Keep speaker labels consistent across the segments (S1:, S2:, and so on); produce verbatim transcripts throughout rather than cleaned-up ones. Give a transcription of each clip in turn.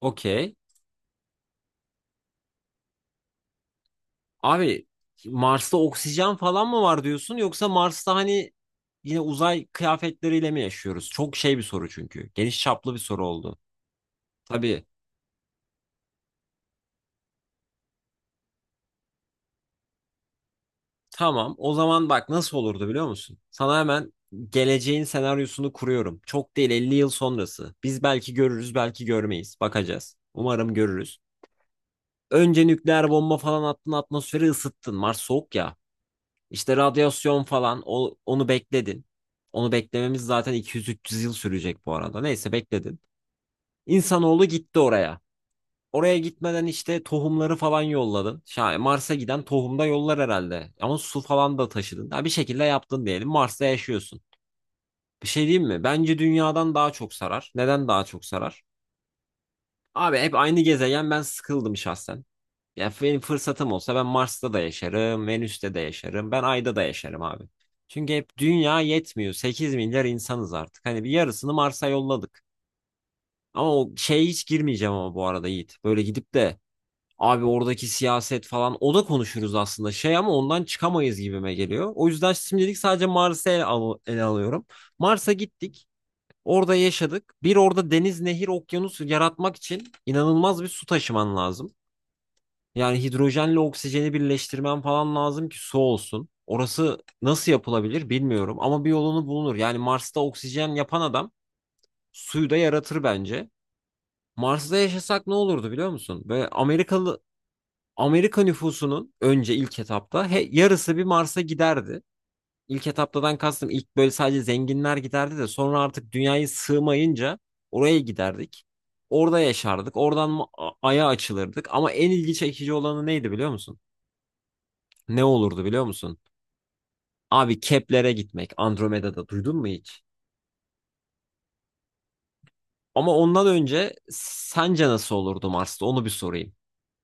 S1: Okey. Abi Mars'ta oksijen falan mı var diyorsun yoksa Mars'ta hani yine uzay kıyafetleriyle mi yaşıyoruz? Çok şey bir soru çünkü. Geniş çaplı bir soru oldu. Tabii. Tamam. O zaman bak nasıl olurdu biliyor musun? Sana hemen geleceğin senaryosunu kuruyorum. Çok değil elli yıl sonrası. Biz belki görürüz, belki görmeyiz. Bakacağız. Umarım görürüz. Önce nükleer bomba falan attın, atmosferi ısıttın. Mars soğuk ya. İşte radyasyon falan o- onu bekledin. Onu beklememiz zaten iki yüz üç yüz yıl sürecek bu arada. Neyse bekledin. İnsanoğlu gitti oraya. Oraya gitmeden işte tohumları falan yolladın. Şa- Mars'a giden tohum da yollar herhalde. Ama su falan da taşıdın. Ha, bir şekilde yaptın diyelim. Mars'ta yaşıyorsun. Bir şey diyeyim mi? Bence dünyadan daha çok sarar. Neden daha çok sarar? Abi hep aynı gezegen, ben sıkıldım şahsen. Yani benim fırsatım olsa ben Mars'ta da yaşarım, Venüs'te de yaşarım, ben Ay'da da yaşarım abi. Çünkü hep dünya yetmiyor. sekiz milyar insanız artık. Hani bir yarısını Mars'a yolladık. Ama o şeye hiç girmeyeceğim ama bu arada Yiğit. Böyle gidip de abi oradaki siyaset falan o da konuşuruz aslında şey, ama ondan çıkamayız gibime geliyor. O yüzden şimdilik sadece Mars'ı ele, al- ele alıyorum. Mars'a gittik. Orada yaşadık. Bir orada deniz, nehir, okyanus yaratmak için inanılmaz bir su taşıman lazım. Yani hidrojenle oksijeni birleştirmen falan lazım ki su olsun. Orası nasıl yapılabilir bilmiyorum ama bir yolunu bulunur. Yani Mars'ta oksijen yapan adam suyu da yaratır bence. Mars'ta yaşasak ne olurdu biliyor musun? Ve Amerikalı Amerika nüfusunun önce ilk etapta he, yarısı bir Mars'a giderdi. İlk etaptadan kastım ilk böyle sadece zenginler giderdi de sonra artık dünyayı sığmayınca oraya giderdik. Orada yaşardık. Oradan ma- Ay'a açılırdık. Ama en ilgi çekici olanı neydi biliyor musun? Ne olurdu biliyor musun? Abi Kepler'e gitmek, Andromeda'da duydun mu hiç? Ama ondan önce sence nasıl olurdu Mars'ta, onu bir sorayım.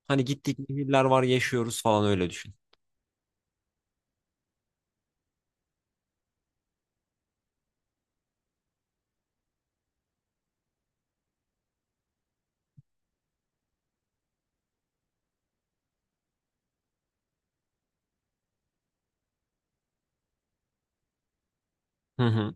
S1: Hani gittik, nehirler var, yaşıyoruz falan, öyle düşün. Hı hı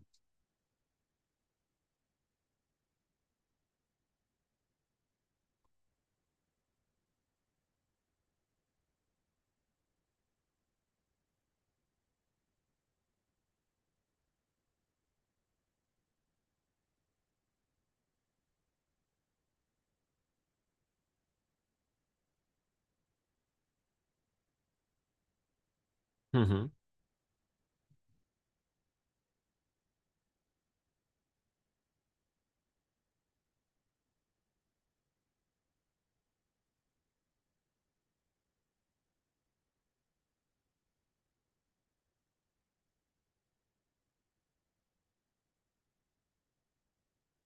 S1: hı hı.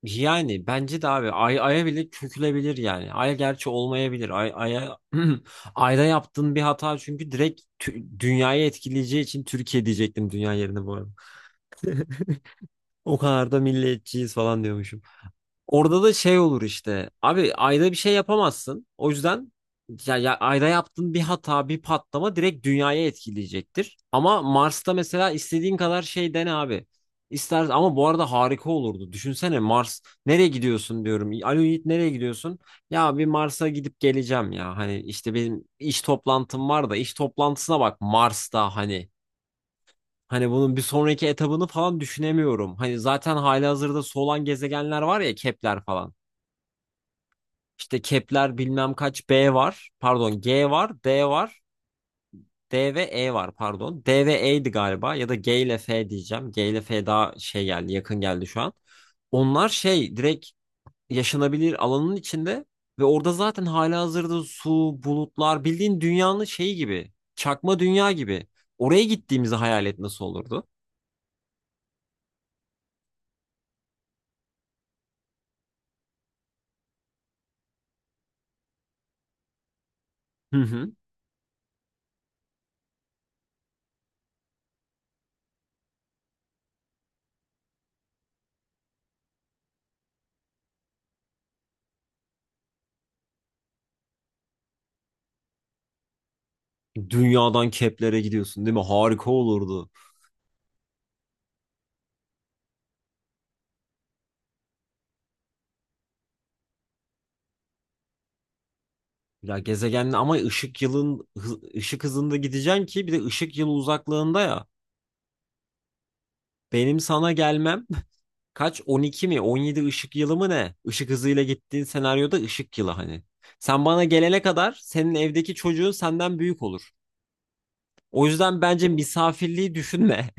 S1: Yani bence de abi ay, aya bile çökülebilir yani. Ay gerçi olmayabilir. Ay, aya ayda yaptığın bir hata çünkü direkt tü- dünyayı etkileyeceği için, Türkiye diyecektim dünya yerine bu arada. O kadar da milliyetçiyiz falan diyormuşum. Orada da şey olur işte. Abi ayda bir şey yapamazsın. O yüzden ya, ya ayda yaptığın bir hata, bir patlama direkt dünyaya etkileyecektir. Ama Mars'ta mesela istediğin kadar şey dene abi. İster, ama bu arada harika olurdu. Düşünsene Mars, nereye gidiyorsun diyorum. Alo Yiğit, nereye gidiyorsun? Ya bir Mars'a gidip geleceğim ya. Hani işte benim iş toplantım var da, iş toplantısına bak Mars'ta hani. Hani bunun bir sonraki etabını falan düşünemiyorum. Hani zaten halihazırda solan gezegenler var ya, Kepler falan. İşte Kepler bilmem kaç B var. Pardon, G var, D var. D ve E var pardon. D ve E'ydi galiba, ya da G ile F diyeceğim. G ile F daha şey geldi, yakın geldi şu an. Onlar şey, direkt yaşanabilir alanın içinde ve orada zaten halihazırda su, bulutlar, bildiğin dünyanın şeyi gibi. Çakma dünya gibi. Oraya gittiğimizi hayal et, nasıl olurdu? Hı hı. Dünyadan Kepler'e gidiyorsun değil mi? Harika olurdu. Ya gezegenle ama ışık yılın hı- ışık hızında gideceksin ki, bir de ışık yılı uzaklığında ya. Benim sana gelmem kaç, on iki mi on yedi ışık yılı mı ne? Işık hızıyla gittiğin senaryoda ışık yılı hani. Sen bana gelene kadar senin evdeki çocuğun senden büyük olur. O yüzden bence misafirliği düşünme.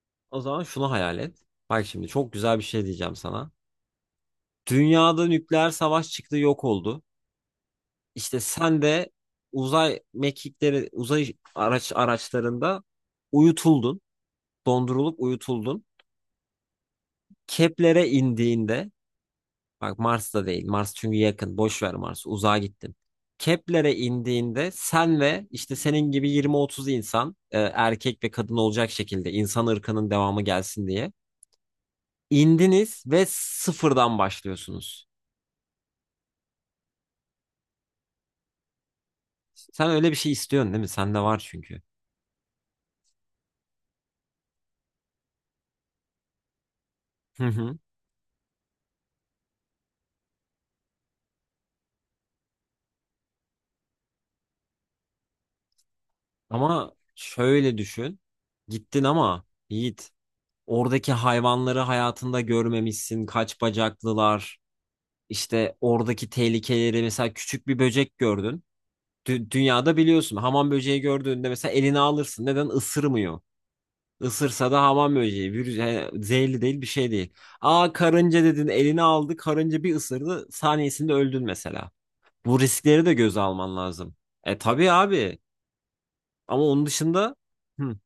S1: O zaman şunu hayal et. Bak şimdi çok güzel bir şey diyeceğim sana. Dünyada nükleer savaş çıktı, yok oldu. İşte sen de uzay mekikleri, uzay araç araçlarında uyutuldun, dondurulup uyutuldun. Kepler'e indiğinde, bak Mars'ta değil, Mars çünkü yakın, boş ver Mars, uzağa gittin. Kepler'e indiğinde sen ve işte senin gibi yirmi otuz insan, e, erkek ve kadın olacak şekilde, insan ırkının devamı gelsin diye indiniz ve sıfırdan başlıyorsunuz. Sen öyle bir şey istiyorsun değil mi? Sende var çünkü. Ama şöyle düşün. Gittin ama Yiğit, oradaki hayvanları hayatında görmemişsin. Kaç bacaklılar, işte oradaki tehlikeleri, mesela küçük bir böcek gördün. Dü- dünyada biliyorsun hamam böceği gördüğünde mesela elini alırsın. Neden ısırmıyor? Isırsa da hamam böceği virüs, yani zehirli değil, bir şey değil. Aa, karınca dedin, elini aldı, karınca bir ısırdı saniyesinde öldün mesela. Bu riskleri de göze alman lazım. E tabii abi, ama onun dışında hı.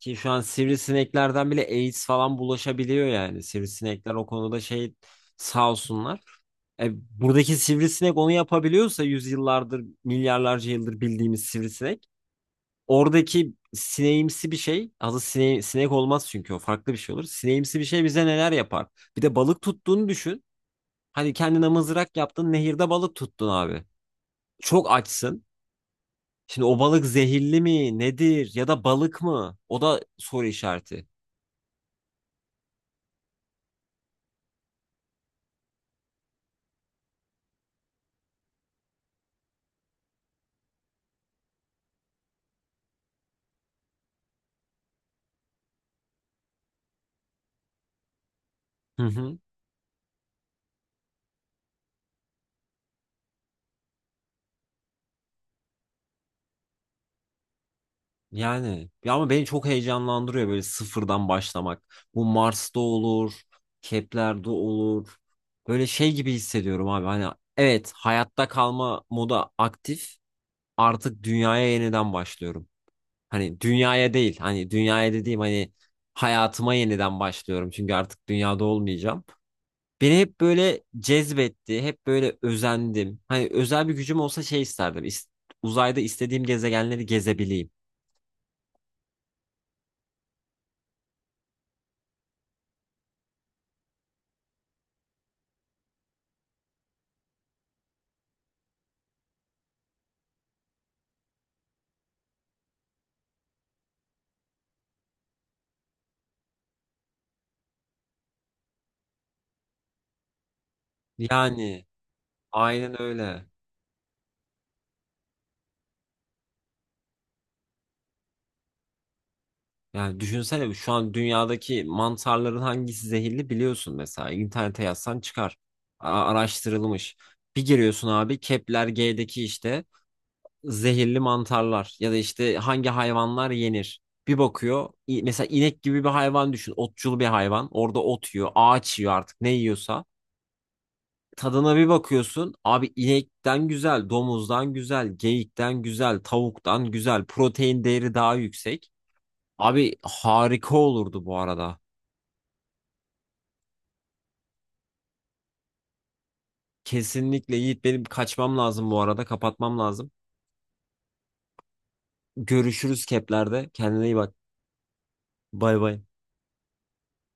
S1: Ki şu an sivrisineklerden bile AIDS falan bulaşabiliyor yani. Sivrisinekler o konuda şey, sağ olsunlar. E, buradaki sivrisinek onu yapabiliyorsa yüzyıllardır, milyarlarca yıldır bildiğimiz sivrisinek. Oradaki sineğimsi bir şey, adı sine, sinek olmaz çünkü o, farklı bir şey olur. Sineğimsi bir şey bize neler yapar? Bir de balık tuttuğunu düşün. Hani kendine mızrak yaptın, nehirde balık tuttun abi. Çok açsın. Şimdi o balık zehirli mi, nedir, ya da balık mı? O da soru işareti. Hı hı. Yani ya ama beni çok heyecanlandırıyor böyle sıfırdan başlamak. Bu Mars'ta olur, Kepler'de olur. Böyle şey gibi hissediyorum abi. Hani evet, hayatta kalma moda aktif. Artık dünyaya yeniden başlıyorum. Hani dünyaya değil, hani dünyaya dediğim hani hayatıma yeniden başlıyorum. Çünkü artık dünyada olmayacağım. Beni hep böyle cezbetti, hep böyle özendim. Hani özel bir gücüm olsa şey isterdim, is- uzayda istediğim gezegenleri gezebileyim. Yani aynen öyle. Yani düşünsene, şu an dünyadaki mantarların hangisi zehirli biliyorsun mesela. İnternete yazsan çıkar. A- araştırılmış. Bir giriyorsun abi Kepler G'deki işte zehirli mantarlar ya da işte hangi hayvanlar yenir. Bir bakıyor, i- mesela inek gibi bir hayvan düşün. Otçul bir hayvan. Orada ot yiyor, ağaç yiyor, artık ne yiyorsa. Tadına bir bakıyorsun abi, inekten güzel, domuzdan güzel, geyikten güzel, tavuktan güzel. Protein değeri daha yüksek. Abi harika olurdu bu arada. Kesinlikle Yiğit, benim kaçmam lazım bu arada, kapatmam lazım. Görüşürüz keplerde. Kendine iyi bak. Bay bay.